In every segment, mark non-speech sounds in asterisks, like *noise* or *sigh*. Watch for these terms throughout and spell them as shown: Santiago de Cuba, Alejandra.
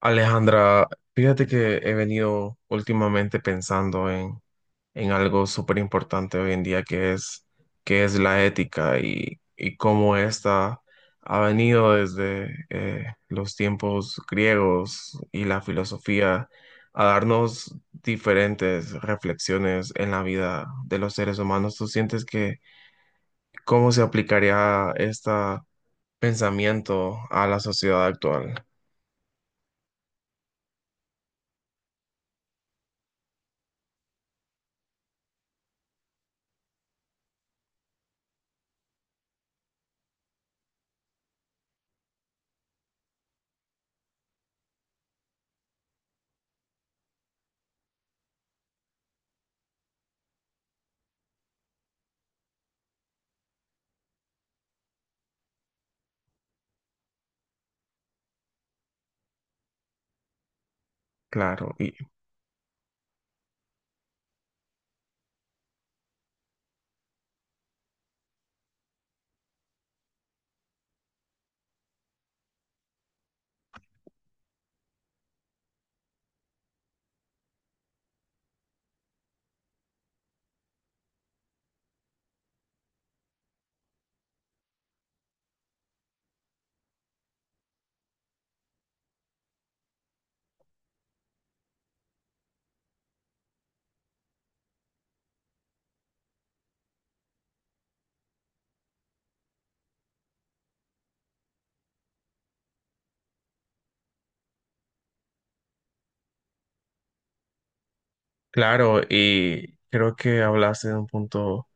Alejandra, fíjate que he venido últimamente pensando en algo súper importante hoy en día que es la ética y cómo esta ha venido desde los tiempos griegos y la filosofía a darnos diferentes reflexiones en la vida de los seres humanos. ¿Tú sientes que cómo se aplicaría este pensamiento a la sociedad actual? Claro, y Claro, y creo que hablaste de un punto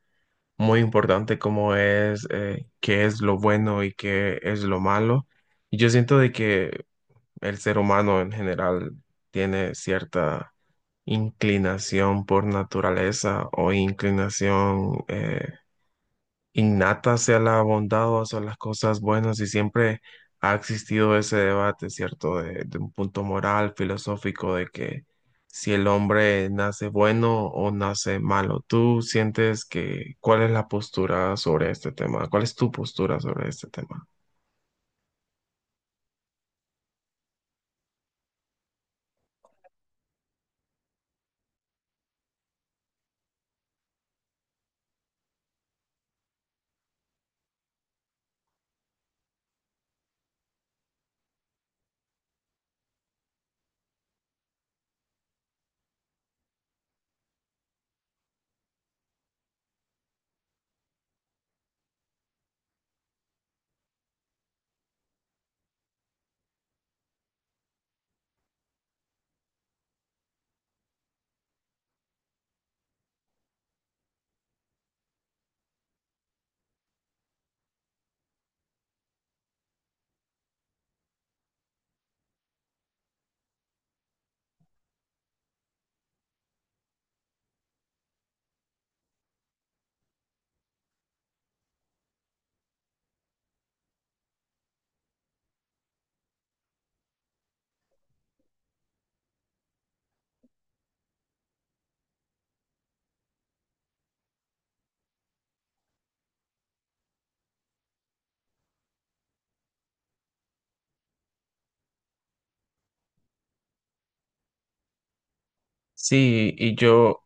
muy importante como es qué es lo bueno y qué es lo malo. Y yo siento de que el ser humano en general tiene cierta inclinación por naturaleza o inclinación innata sea la bondad o hacia las cosas buenas, y siempre ha existido ese debate, ¿cierto? De un punto moral, filosófico, de que si el hombre nace bueno o nace malo. ¿Tú sientes que cuál es la postura sobre este tema? ¿Cuál es tu postura sobre este tema? Sí, y yo,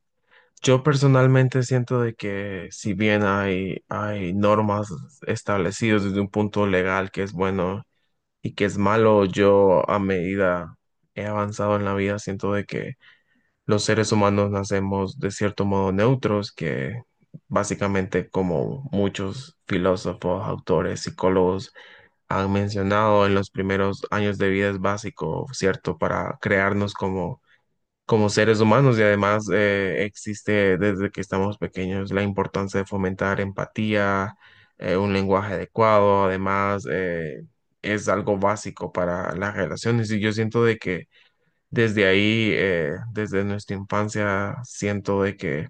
yo personalmente siento de que si bien hay normas establecidas desde un punto legal que es bueno y que es malo. Yo a medida he avanzado en la vida, siento de que los seres humanos nacemos de cierto modo neutros, que básicamente como muchos filósofos, autores, psicólogos han mencionado, en los primeros años de vida es básico, ¿cierto?, para crearnos como seres humanos. Y además, existe desde que estamos pequeños la importancia de fomentar empatía, un lenguaje adecuado. Además, es algo básico para las relaciones, y yo siento de que desde ahí, desde nuestra infancia, siento de que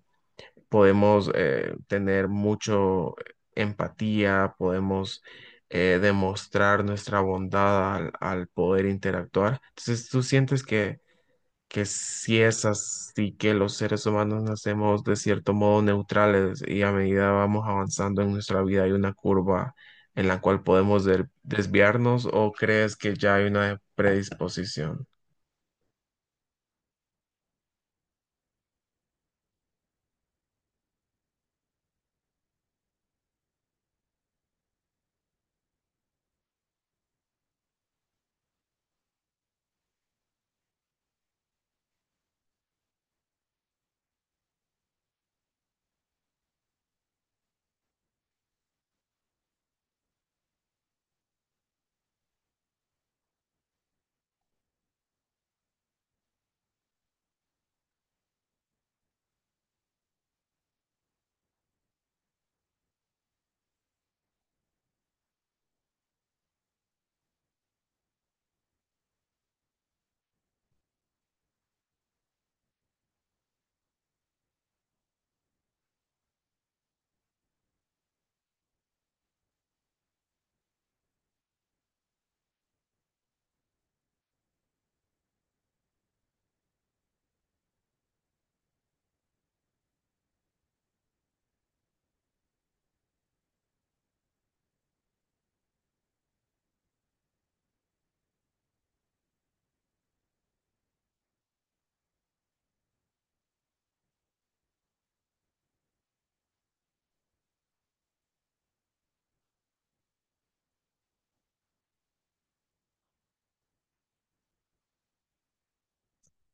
podemos, tener mucho empatía, podemos demostrar nuestra bondad al poder interactuar. Entonces, ¿tú sientes que si es así, que los seres humanos nacemos de cierto modo neutrales y a medida vamos avanzando en nuestra vida hay una curva en la cual podemos desviarnos, o crees que ya hay una predisposición?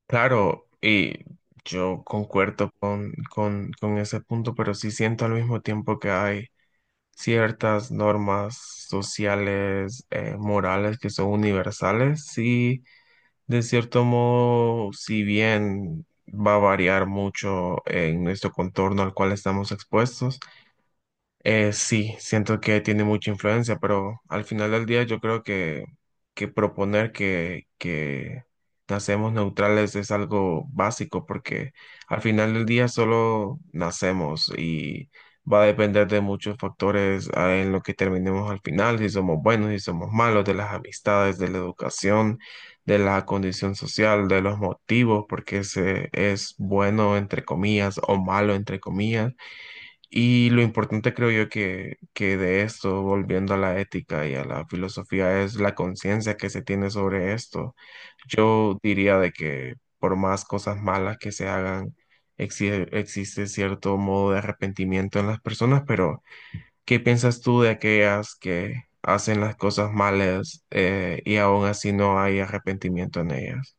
Claro, y yo concuerdo con ese punto, pero sí siento al mismo tiempo que hay ciertas normas sociales, morales, que son universales, sí. De cierto modo, si bien va a variar mucho en nuestro contorno al cual estamos expuestos, sí, siento que tiene mucha influencia, pero al final del día yo creo que proponer que nacemos neutrales es algo básico, porque al final del día solo nacemos, y va a depender de muchos factores en lo que terminemos al final: si somos buenos, si somos malos, de las amistades, de la educación, de la condición social, de los motivos, porque se es bueno entre comillas o malo entre comillas. Y lo importante creo yo que de esto, volviendo a la ética y a la filosofía, es la conciencia que se tiene sobre esto. Yo diría de que por más cosas malas que se hagan, existe cierto modo de arrepentimiento en las personas, pero ¿qué piensas tú de aquellas que hacen las cosas malas y aún así no hay arrepentimiento en ellas?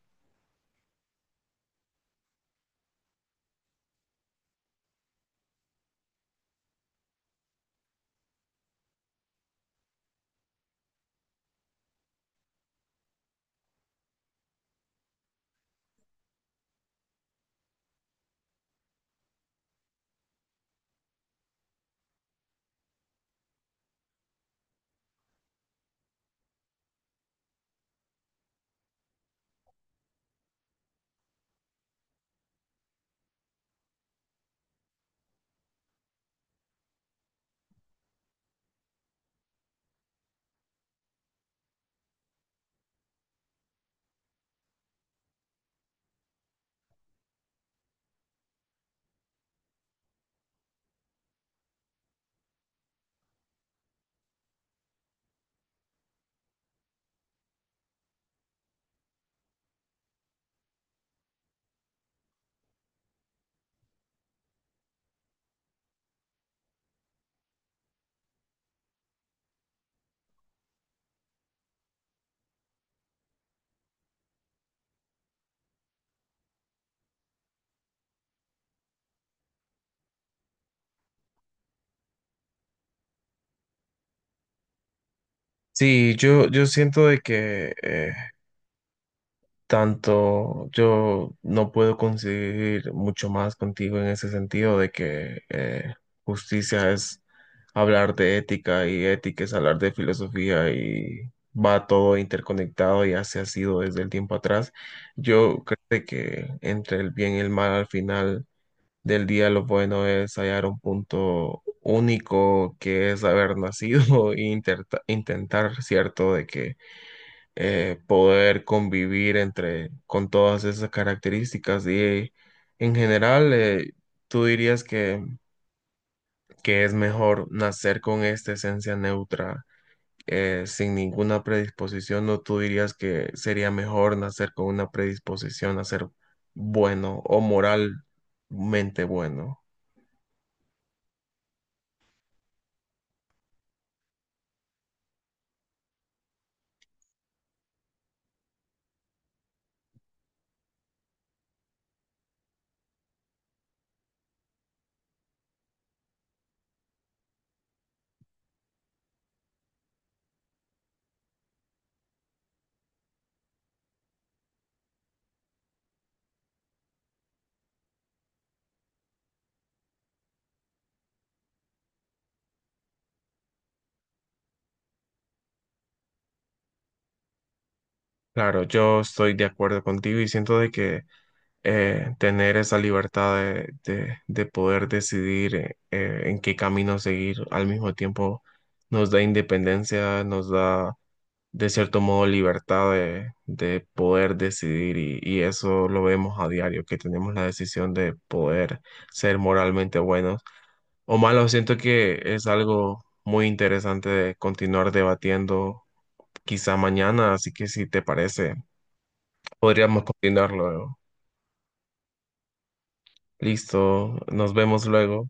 Sí, yo siento de que, tanto yo no puedo conseguir mucho más contigo en ese sentido, de que, justicia es hablar de ética, y ética es hablar de filosofía, y va todo interconectado, y así ha sido desde el tiempo atrás. Yo creo que entre el bien y el mal, al final del día lo bueno es hallar un punto único, que es haber nacido *laughs* e intentar, ¿cierto? De que, poder convivir entre, con todas esas características. Y en general, tú dirías que es mejor nacer con esta esencia neutra, sin ninguna predisposición, o tú dirías que sería mejor nacer con una predisposición a ser bueno, o moralmente bueno. Claro, yo estoy de acuerdo contigo, y siento de que, tener esa libertad de poder decidir en qué camino seguir, al mismo tiempo nos da independencia, nos da de cierto modo libertad de poder decidir, y eso lo vemos a diario, que tenemos la decisión de poder ser moralmente buenos o malos. Siento que es algo muy interesante de continuar debatiendo quizá mañana, así que si te parece, podríamos continuar luego. Listo, nos vemos luego.